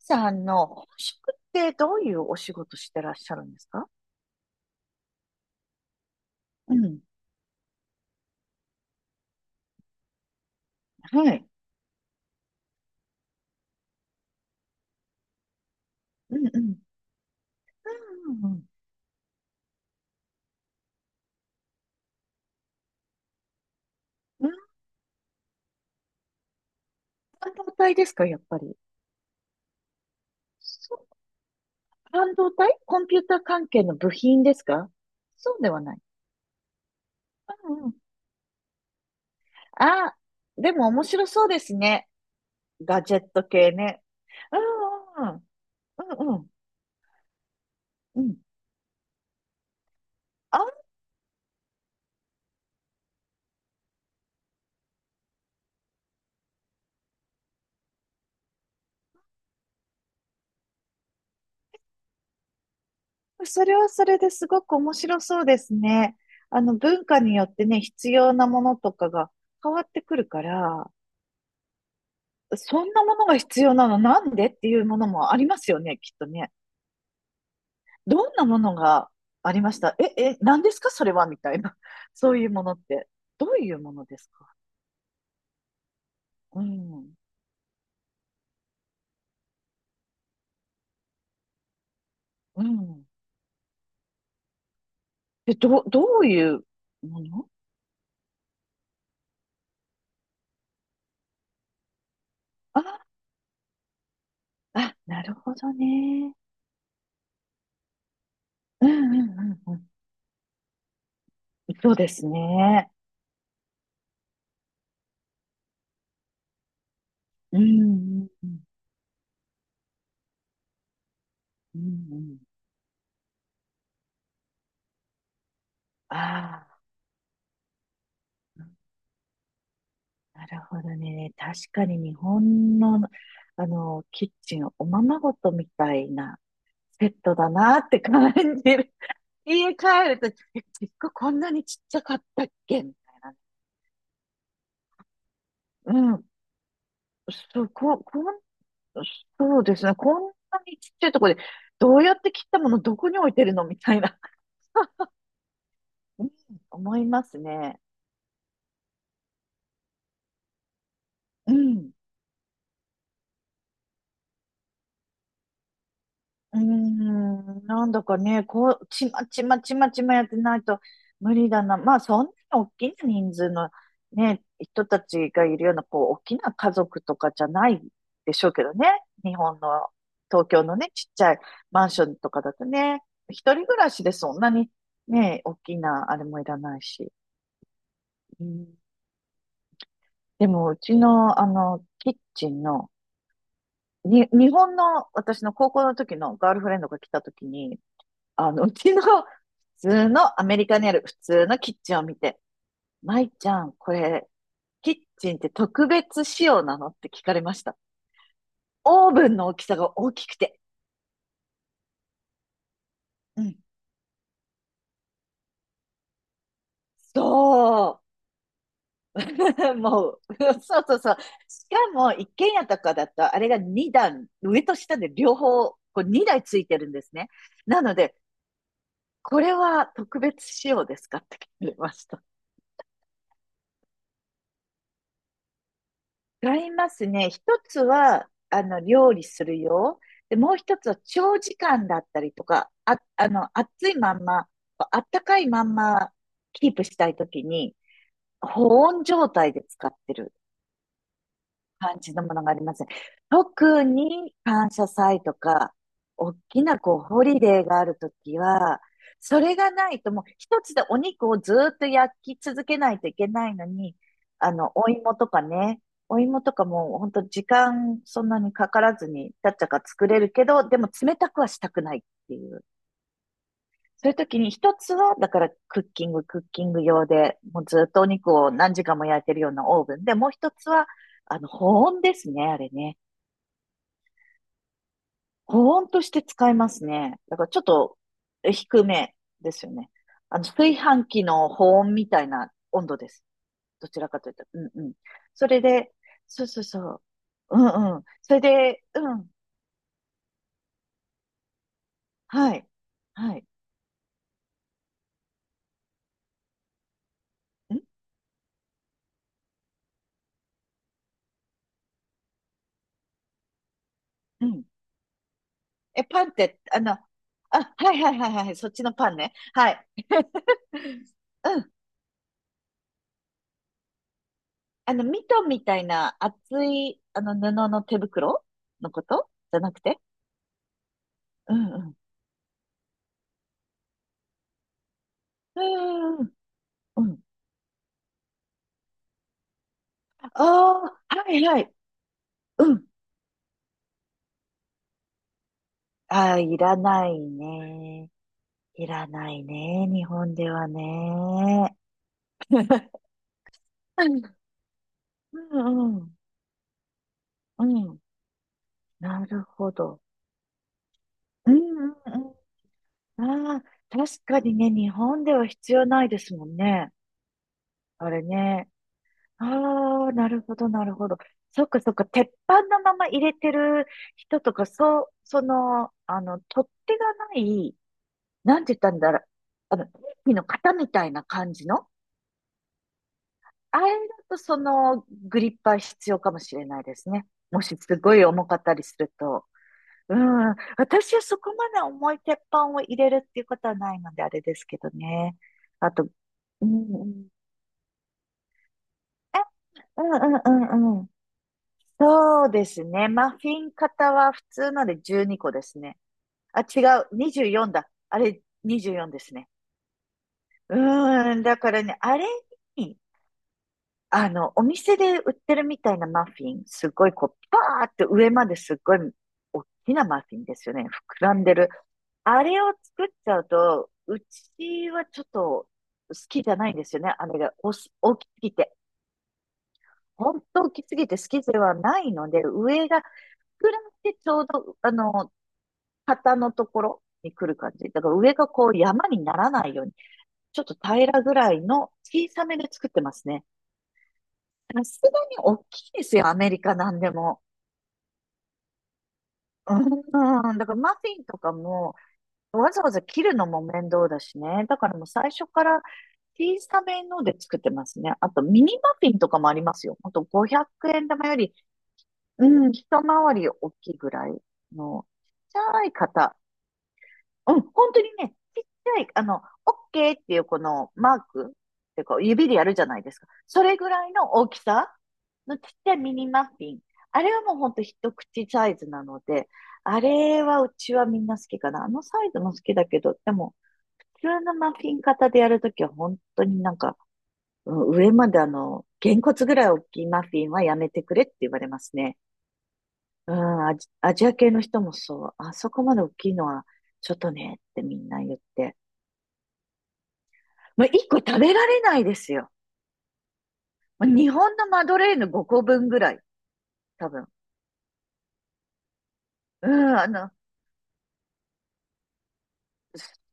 さんの本職ってどういうお仕事してらっしゃるんですか？うん。はい。うんうん。うんうんうん。うん。半導体ですか、やっぱり。そう、半導体コンピューター関係の部品ですか？そうではない。うんうん。あ、でも面白そうですね。ガジェット系ね。うんうんうん。うんうん。うん。あ、それはそれですごく面白そうですね。あの、文化によってね、必要なものとかが変わってくるから。そんなものが必要なのなんでっていうものもありますよね、きっとね。どんなものがありました？え、え、何ですかそれはみたいな。そういうものって。どういうものですか？うん。うん。で、どういうもの。あ、あ、なるほどね。うんうんうんうん。そうですね。うんうんうんうんうん。ああ、なるほどね。確かに日本の、あの、キッチン、おままごとみたいなペットだなって感じる。家帰ると、結構こんなにちっちゃかったっけみたいな。うん。そう、こ、こん、そうですね。こんなにちっちゃいところで、どうやって切ったものどこに置いてるのみたいな。うん、思いますね。うん。うーん、なんだかね、こう、ちまちまちまちまやってないと無理だな。まあ、そんなに大きな人数のね、人たちがいるような、こう、大きな家族とかじゃないでしょうけどね。日本の、東京のね、ちっちゃいマンションとかだとね、一人暮らしでそんなにね、大きなあれもいらないし。うん。でも、うちの、あの、キッチンの、に、日本の、私の高校の時のガールフレンドが来た時に、あの、うちの普通のアメリカにある普通のキッチンを見て、舞ちゃん、これ、キッチンって特別仕様なのって聞かれました。オーブンの大きさが大きくて。うん。そう。もう、そうそうそう。しかも、一軒家とかだと、あれが2段、上と下で両方、こう2台ついてるんですね。なので、これは特別仕様ですかって聞かれました。違いますね。一つは、あの、料理するよ。で、もう一つは長時間だったりとか、あ、あの、暑いまんま、あったかいまんまキープしたいときに、保温状態で使ってる。感じのものがあります。特に感謝祭とか、大きなこう、ホリデーがあるときは、それがないともう一つでお肉をずーっと焼き続けないといけないのに、あの、お芋とかね、お芋とかも本当時間そんなにかからずに、ちゃっちゃか作れるけど、でも冷たくはしたくないっていう。そういう時に一つは、だからクッキング用で、もうずっとお肉を何時間も焼いてるようなオーブンで、もう一つは、あの、保温ですね、あれね。保温として使いますね。だからちょっと低めですよね。あの、炊飯器の保温みたいな温度です。どちらかというと。うんうん。それで、そうそうそう。うんうん。それで、うん。はい。はい。んうん。え、パンって、あの、あ、はいはいはいはい。そっちのパンね。はい。うん。あの、ミトンみたいな厚い、あの、布の手袋のことじゃなくて。うんうん。うんうんうん。ああ、はいはい。うん。ああ、いらないね。いらないね。日本ではね。うんうんうん。うん、なるほど。うんうんうん。ああ、確かにね、日本では必要ないですもんね。あれね。ああ、なるほど、なるほど。そっかそっか、鉄板のまま入れてる人とか、そう、その、あの、取っ手がない、なんて言ったんだろう、あの、ケーキの型みたいな感じの、あれだとそのグリッパー必要かもしれないですね。もしすごい重かったりすると。うん、私はそこまで重い鉄板を入れるっていうことはないので、あれですけどね。あと、うん、うん、え、うん、うん、うん、そうですね。マフィン型は普通ので12個ですね。あ、違う。24だ。あれ、24ですね。うーん。だからね、あれに、あの、お店で売ってるみたいなマフィン、すごいこう、パーって上まですっごい大きなマフィンですよね。膨らんでる。あれを作っちゃうと、うちはちょっと好きじゃないんですよね。あれがおす大きすぎて。本当大きすぎて好きではないので、上が膨らんでちょうど、あの、肩のところに来る感じ。だから上がこう山にならないように、ちょっと平らぐらいの小さめで作ってますね。さすがに大きいですよ、アメリカなんでも。うん、だからマフィンとかも、わざわざ切るのも面倒だしね。だからもう最初から小さめので作ってますね。あとミニマフィンとかもありますよ。ほんと500円玉より、うん、一回り大きいぐらいの、ちっちゃい型。うん、本当にね、ちっちゃい、あの、OK っていうこのマークっていうか、指でやるじゃないですか。それぐらいの大きさのちっちゃいミニマッフィン。あれはもうほんと一口サイズなので、あれはうちはみんな好きかな。あのサイズも好きだけど、でも、普通のマフィン型でやるときは本当になんか、うん、上まであの、げんこつぐらい大きいマフィンはやめてくれって言われますね。うん、アジア系の人もそう。あそこまで大きいのは、ちょっとねってみんな言って。もう一個食べられないですよ。もう日本のマドレーヌ5個分ぐらい、多分。うん、あの、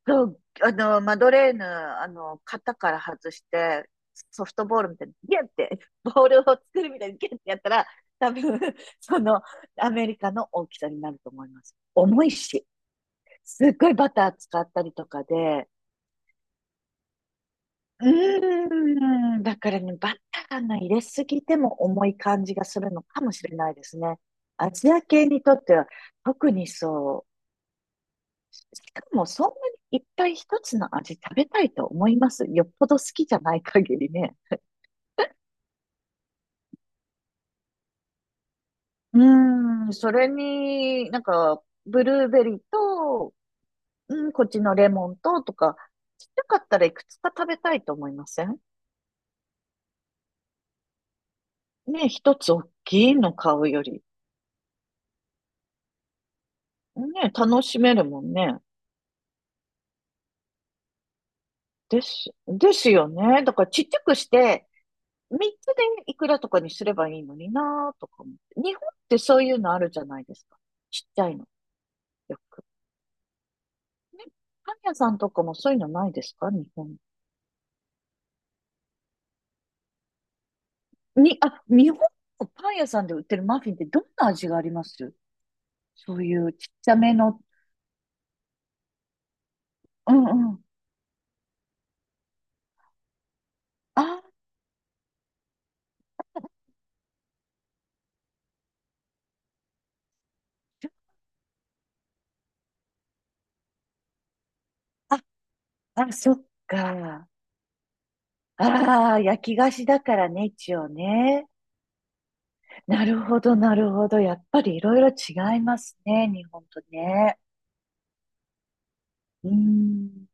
そう、あの、マドレーヌ、あの、型から外して、ソフトボールみたいに、ギュって、ボールを作るみたいにギュってやったら、多分、その、アメリカの大きさになると思います。重いし、すっごいバター使ったりとかで、うーん、だからね、バターの入れすぎても重い感じがするのかもしれないですね。アジア系にとっては特にそう。しかもそんなにいっぱい一つの味食べたいと思います。よっぽど好きじゃない限りね。うーん、それになんか、ブルーベリーと、うん、こっちのレモンととか、ちっちゃかったらいくつか食べたいと思いません？ね、一つ大きいの買うより、ね、楽しめるもんね。ですよね。だからちっちゃくして、3つでいくらとかにすればいいのになぁとか思って。日本ってそういうのあるじゃないですか。ちっちゃいの。よく。ね。パン屋さんとかもそういうのないですか、日本？に、あ、日本のパン屋さんで売ってるマフィンってどんな味があります？そういうちっちゃめの。うんうん。あ、あ、あ、そっか。ああ、焼き菓子だからね、一応ね。なるほど、なるほど。やっぱりいろいろ違いますね、日本とね。うーん。